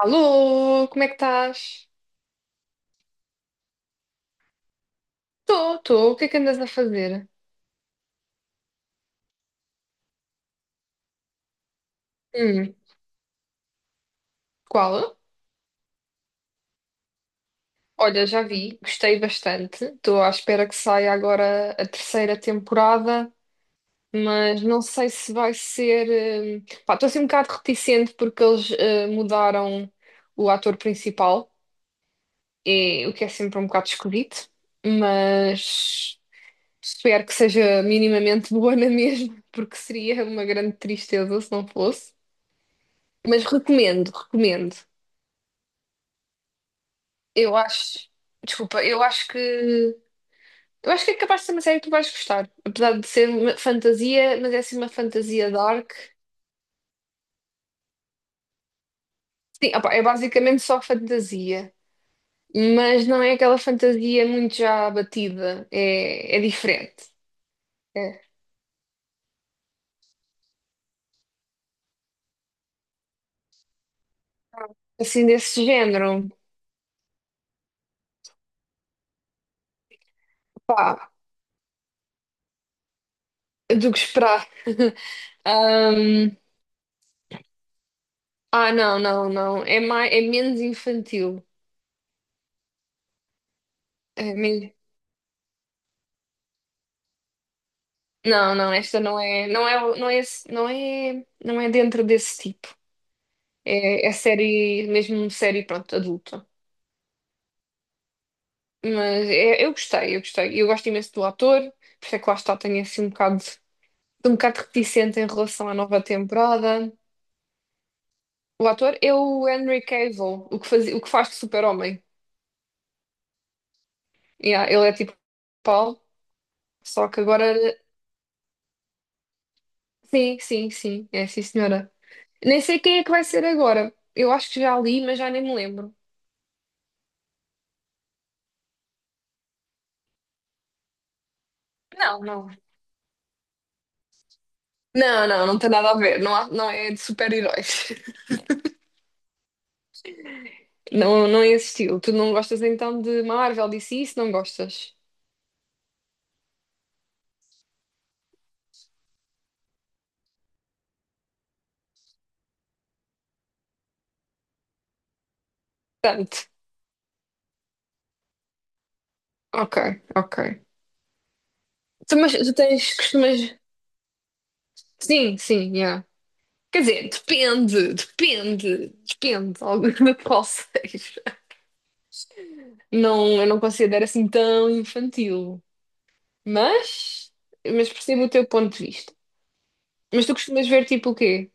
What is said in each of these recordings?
Alô, como é que estás? Estou, estou. O que é que andas a fazer? Hum, qual? Olha, já vi, gostei bastante. Estou à espera que saia agora a terceira temporada, mas não sei se vai ser. Pá, estou assim um bocado reticente porque eles mudaram o ator principal, e, o que é sempre um bocado esquisito, mas espero que seja minimamente boa na mesma, porque seria uma grande tristeza se não fosse. Mas recomendo, recomendo. Eu acho, desculpa, eu acho que é capaz de ser uma série que tu vais gostar, apesar de ser uma fantasia, mas é assim uma fantasia dark. Sim, opá, é basicamente só fantasia, mas não é aquela fantasia muito já batida, é diferente. É assim desse género, pá, do que esperar. Ahm, ah, não, não, não, é menos infantil. É men- Não, não, esta não é, não é, não é, não é, não é dentro desse tipo. É série, mesmo série, pronto, adulta. Mas eu gostei, eu gostei. Eu gosto imenso do ator, por isso é que lá está, tenho assim um bocado reticente em relação à nova temporada. O ator é o Henry Cavill, o que faz de super-homem. Yeah, ele é tipo Paulo, só que agora... Sim, sim, sim, é sim senhora. Nem sei quem é que vai ser agora. Eu acho que já li, mas já nem me lembro. Não, não. Não, não, não tem nada a ver. Não, não é de super-heróis. Não, não é esse estilo. Tu não gostas então de Marvel, DC, se não gostas? Tanto. Ok, ok. Mas tu tens, costumas... Sim, sim, yeah. Quer dizer, depende alguma de qual seja. Não, eu não considero assim tão infantil. Mas, mas percebo o teu ponto de vista. Mas tu costumas ver tipo o quê?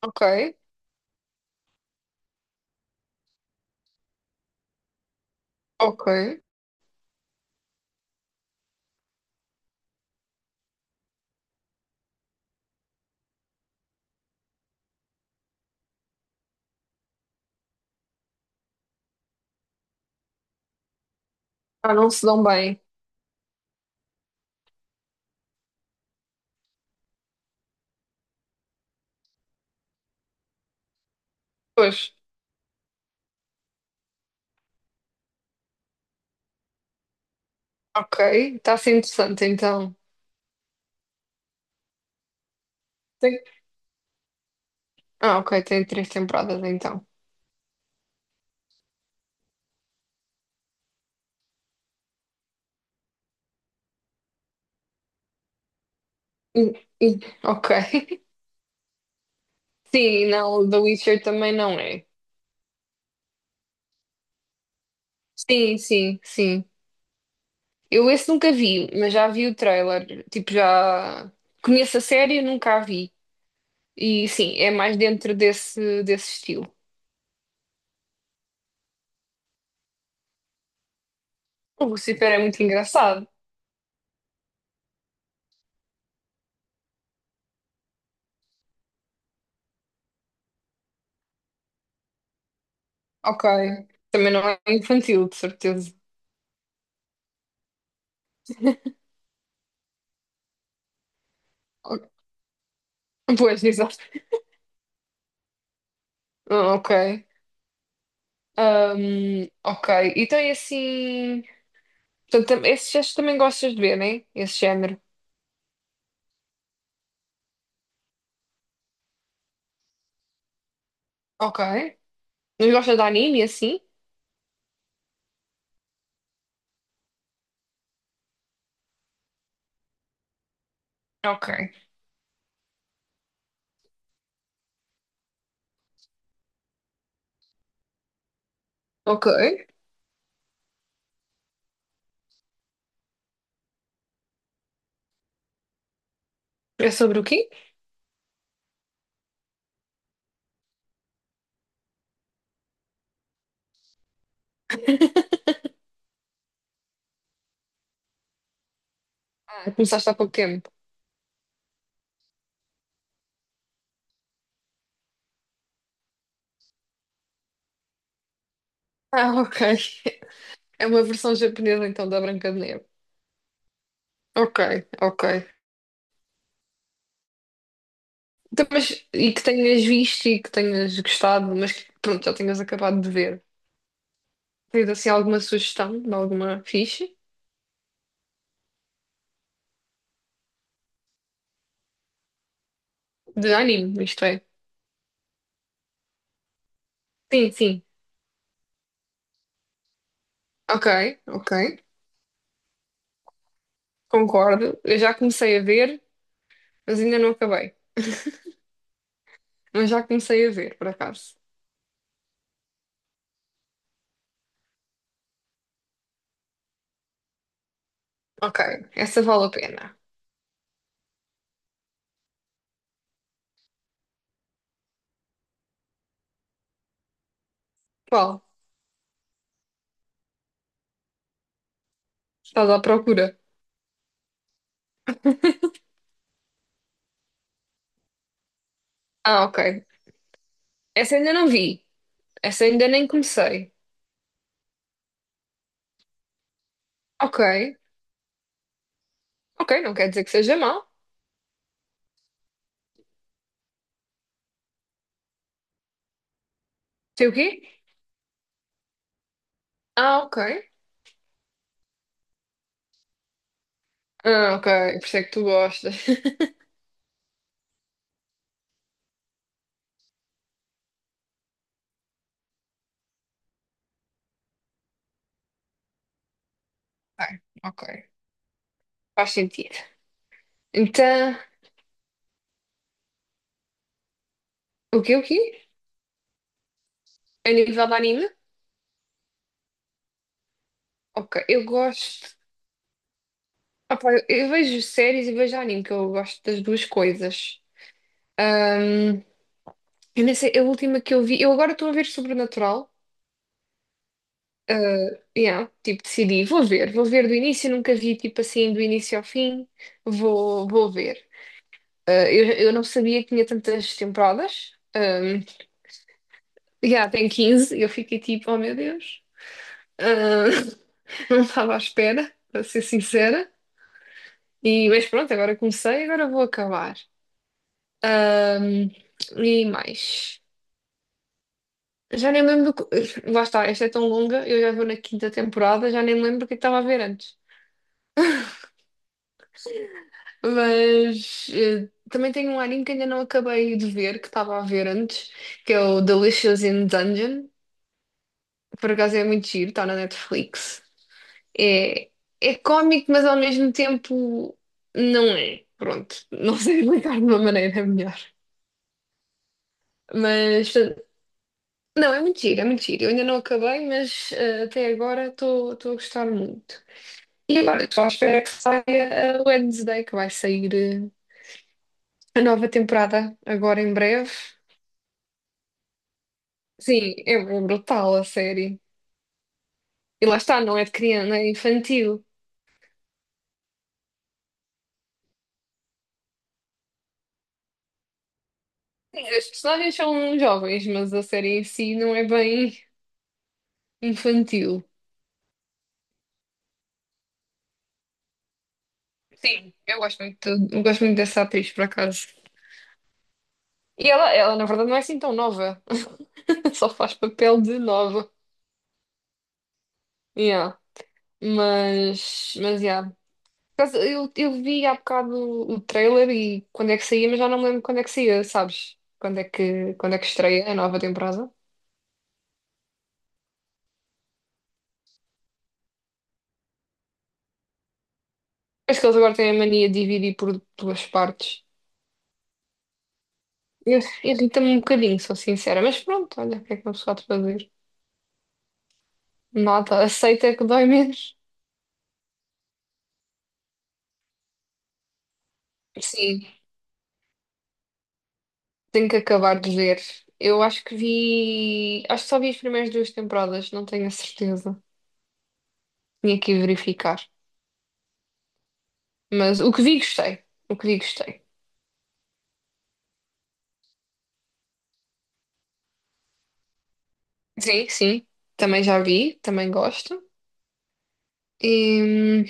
Ok, ok. Ah, não se dão bem. Pois, ok. Está a ser interessante então. Tem- Ah, ok, tem três temporadas então. Hum, hum, Ok. Sim, não, o The Witcher também não é. Sim, sim, sim. Eu esse nunca vi, mas já vi o trailer. Tipo, já conheço a série, nunca a vi. E sim, é mais dentro desse estilo. O Lucifer é muito engraçado. Ok. Também não é infantil, de certeza. O- Pois, exato. Ah, ok. Ok. Então é assim. Portanto, esses também gostas de ver, né? Esse género. Ok. Não gostas de anime assim? Ok. Ok. É sobre o quê? Ah, começaste há pouco tempo. Ah, ok. É uma versão japonesa então da Branca de Neve. Ok, ok. Então, mas, e que tenhas visto e que tenhas gostado, mas que pronto, já tenhas acabado de ver. Tens assim alguma sugestão de alguma ficha? De anime, isto é. Sim, sim. Ok, ok. Concordo. Eu já comecei a ver, mas ainda não acabei. Mas já comecei a ver, por acaso. Ok, essa vale a pena. Qual? Estás à procura? Ah, ok. Essa ainda não vi. Essa ainda nem comecei. Ok. Ok, não quer dizer que seja mau. Sei o quê? Ah, ok. Ah, ok. Por isso é que tu gostas. Ok, ok. Faz sentido. Então, o quê, o quê? A nível de anime? Ok, eu gosto. Ah, pá, eu vejo séries e vejo anime, que eu gosto das duas coisas. Ahm, eu nem sei, a última que eu vi. Eu agora estou a ver Sobrenatural. Yeah, tipo, decidi, vou ver do início, nunca vi tipo assim do início ao fim, vou ver. Ah, eu não sabia que tinha tantas temporadas. Yeah, tem 15, eu fiquei tipo, oh meu Deus. Ah, não estava à espera, para ser sincera. E, mas pronto, agora comecei, agora vou acabar. Um, e mais. Já nem lembro. Lá está, esta é tão longa, eu já vou na quinta temporada, já nem lembro o que estava a ver antes. Mas também tenho um anime que ainda não acabei de ver, que estava a ver antes, que é o Delicious in Dungeon. Por acaso é muito giro, está na Netflix. É, é cómico, mas ao mesmo tempo não é. Pronto, não sei explicar de uma maneira melhor. Mas não, é muito giro, é muito giro. Eu ainda não acabei, mas até agora estou a gostar muito. E agora estou à espera que saia a Wednesday, que vai sair a nova temporada agora em breve. Sim, é brutal a série. E lá está, não é de criança, é infantil. Sim, as personagens são jovens, mas a série em si não é bem infantil. Sim, eu gosto muito dessa atriz, por acaso. E ela, na verdade, não é assim tão nova. Só faz papel de nova. Yeah. Mas, yeah. Por acaso, eu vi há bocado o trailer e quando é que saía, mas já não me lembro quando é que saía, sabes? Quando é que estreia a nova temporada? Acho que eles agora têm a mania de dividir por duas partes. Irrita-me um bocadinho, sou sincera, mas pronto, olha, o que é que uma pessoa há de fazer? Nada, aceita que dói menos. Sim, tenho que acabar de ver. Eu acho que vi. Acho que só vi as primeiras duas temporadas, não tenho a certeza. Tinha que ir verificar. Mas o que vi, gostei. O que vi, gostei. Sim, sim, também já vi, também gosto. E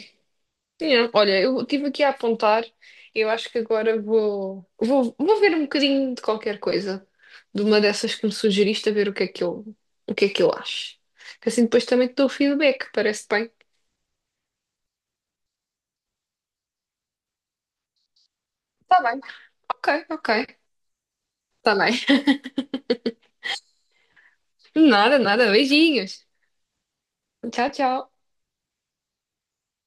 sim, olha, eu tive aqui a apontar. Eu acho que agora vou ver um bocadinho de qualquer coisa, de uma dessas que me sugeriste, a ver o que é que eu, o que é que eu acho. Que assim depois também te dou o feedback, parece bem. Tá bem. Ok, ok. Tá bem. Nada, nada. Beijinhos. Tchau, tchau.